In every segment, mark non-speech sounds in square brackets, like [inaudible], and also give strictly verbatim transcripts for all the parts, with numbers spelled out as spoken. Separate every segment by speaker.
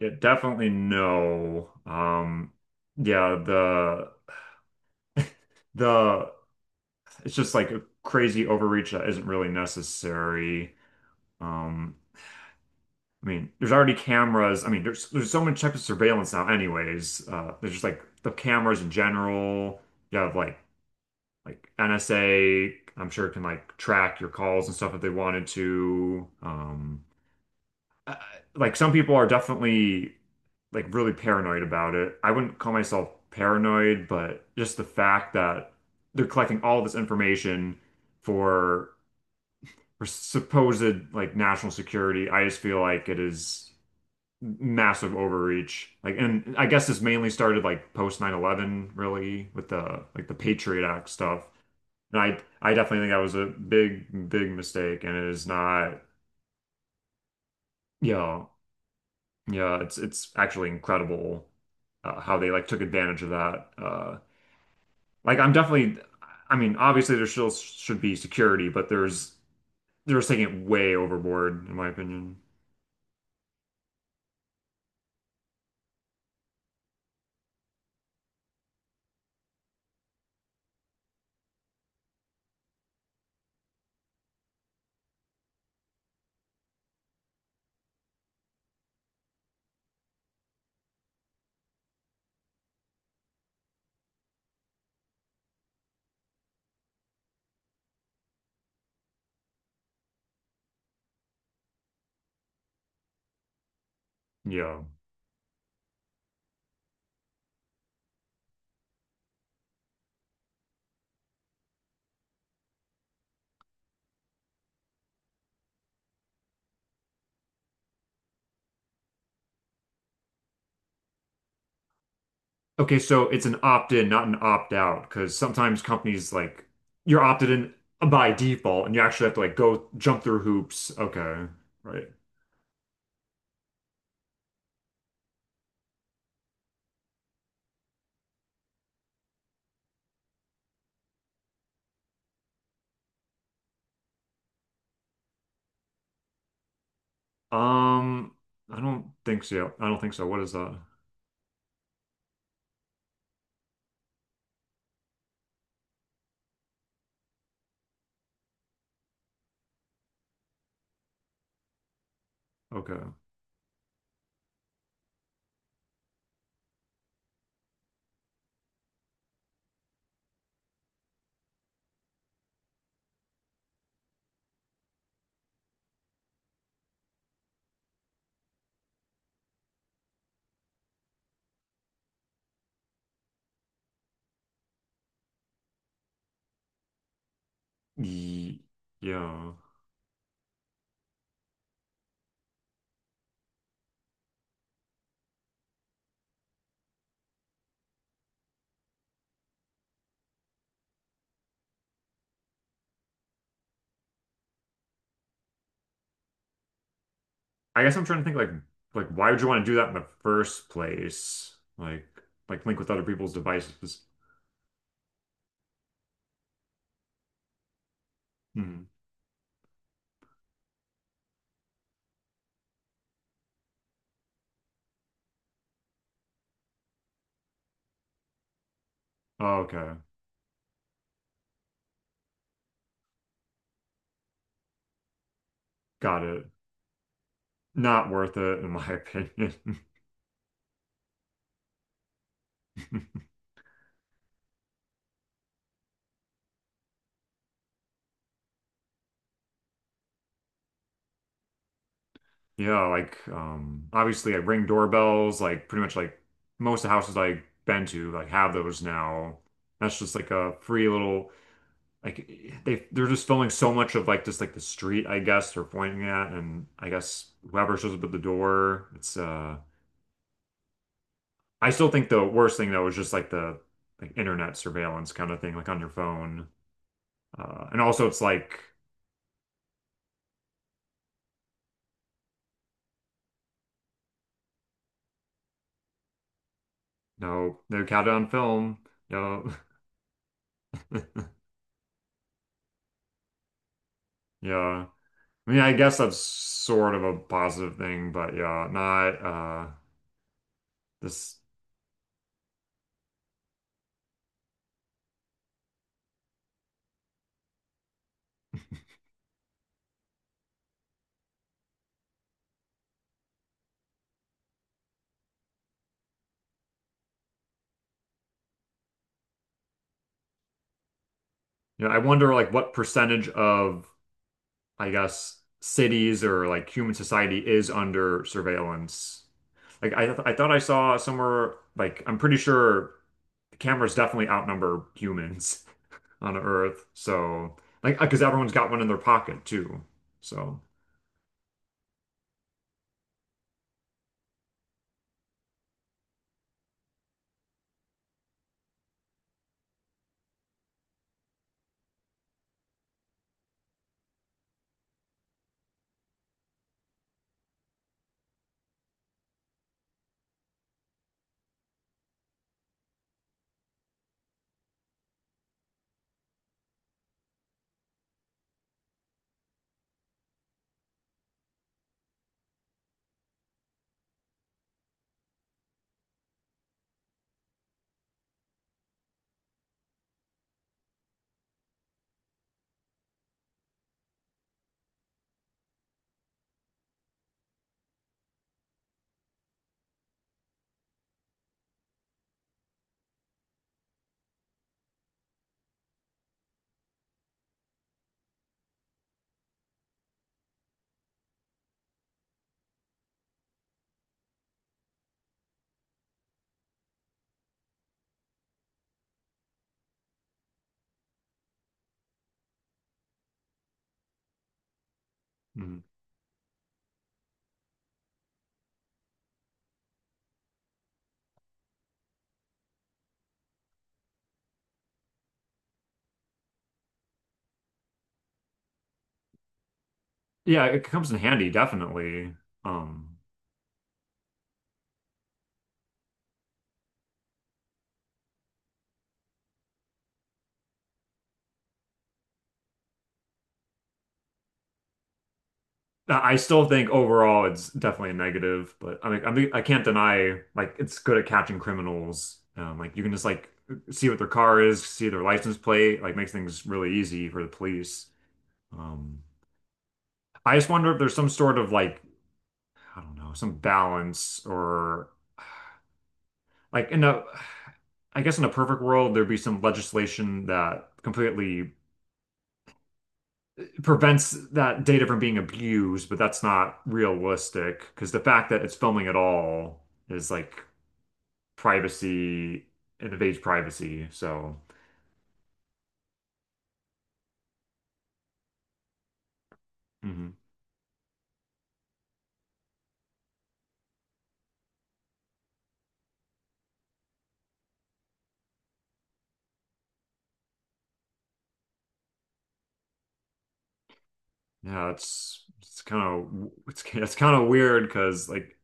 Speaker 1: Yeah, definitely no. Um, yeah, the the it's just like a crazy overreach that isn't really necessary. Um, I mean, there's already cameras. I mean, there's there's so many types of surveillance now anyways. Uh, there's just like the cameras in general. You have like like N S A, I'm sure can like track your calls and stuff if they wanted to. Um, uh, like some people are definitely like really paranoid about it. I wouldn't call myself paranoid, but just the fact that they're collecting all this information for for supposed like national security, I just feel like it is massive overreach. Like, and I guess this mainly started like post nine eleven, really, with the like the Patriot Act stuff. And I I definitely think that was a big, big mistake, and it is not. You Yeah, yeah, it's it's actually incredible uh, how they like took advantage of that. Uh, like I'm definitely, I mean, obviously there still should be security, but there's they're just taking it way overboard in my opinion. Yeah. Okay, so it's an opt-in, not an opt-out, because sometimes companies like you're opted in by default, and you actually have to like go jump through hoops. Okay, right. Um, I don't think so. I don't think so. What is that? Okay. Ye- Yeah. I guess I'm trying to think like like why would you want to do that in the first place? Like like link with other people's devices. Hmm. Okay. Got it. Not worth it in my opinion. [laughs] Yeah, like um obviously like ring doorbells, like pretty much like most of the houses I've been to like have those now. That's just like a free little like they they're just filming so much of like just like the street, I guess, they're pointing at and I guess whoever shows up at the door, it's uh I still think the worst thing though is just like the like internet surveillance kind of thing, like on your phone. Uh, and also it's like no, no countdown film. No. [laughs] Yeah. I mean, I guess that's sort of a positive thing, but yeah, not uh this You know, I wonder like what percentage of I guess cities or like human society is under surveillance. Like I th I thought I saw somewhere like I'm pretty sure cameras definitely outnumber humans on Earth. So, like, because everyone's got one in their pocket too. So, mhm. Yeah, it comes in handy, definitely. Um, I I still think overall it's definitely a negative, but I mean, I mean, I can't deny like it's good at catching criminals. Um, like you can just like see what their car is, see their license plate, like makes things really easy for the police. Um, I just wonder if there's some sort of like, I don't know, some balance or like in a I guess in a perfect world there'd be some legislation that completely prevents that data from being abused, but that's not realistic because the fact that it's filming at all is like privacy, it invades privacy. So mhm. Yeah, it's it's kind of it's [laughs] it's kind of weird because like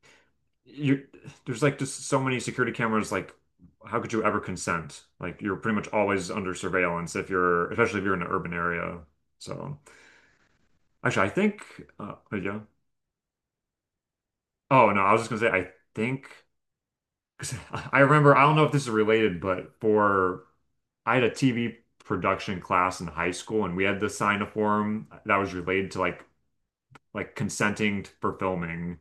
Speaker 1: you there's like just so many security cameras like how could you ever consent? Like you're pretty much always under surveillance if you're, especially if you're in an urban area. So actually, I think. Uh, wait, yeah. Oh no, I was just gonna say I think because [laughs] I remember. I don't know if this is related, but for I had a T V production class in high school, and we had to sign a form that was related to like like consenting for filming.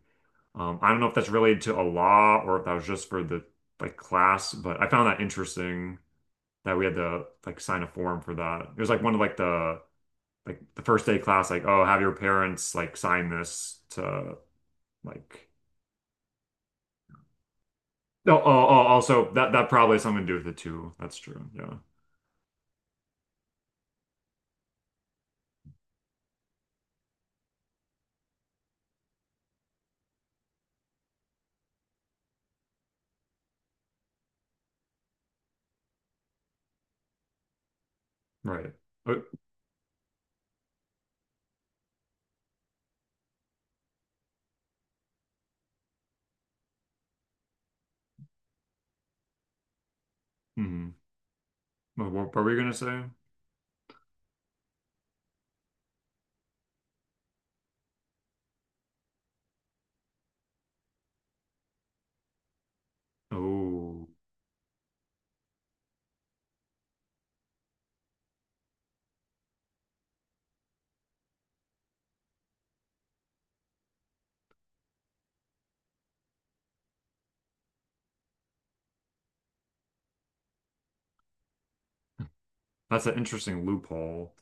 Speaker 1: Um, I don't know if that's related to a law or if that was just for the like class, but I found that interesting that we had to like sign a form for that. It was like one of like the like the first day class, like oh, have your parents like sign this to like. No, oh, oh, also that that probably has something to do with it too. That's true. Yeah. Right. Uh, mhm. What, what were we gonna say? Oh, that's an interesting loophole.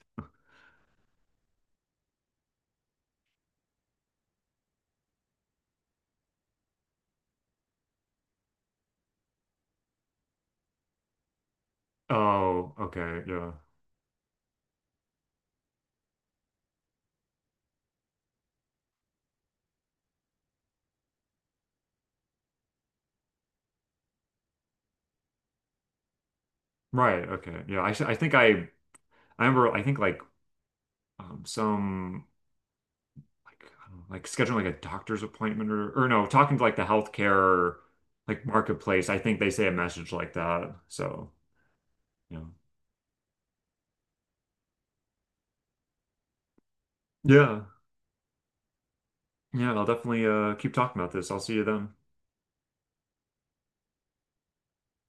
Speaker 1: Oh, okay. Yeah. Right. Okay. Yeah. I I think I I remember I think like um some like I don't know, like scheduling like a doctor's appointment or or no, talking to like the healthcare like marketplace. I think they say a message like that. So, yeah. Yeah. Yeah, I'll definitely uh keep talking about this. I'll see you then.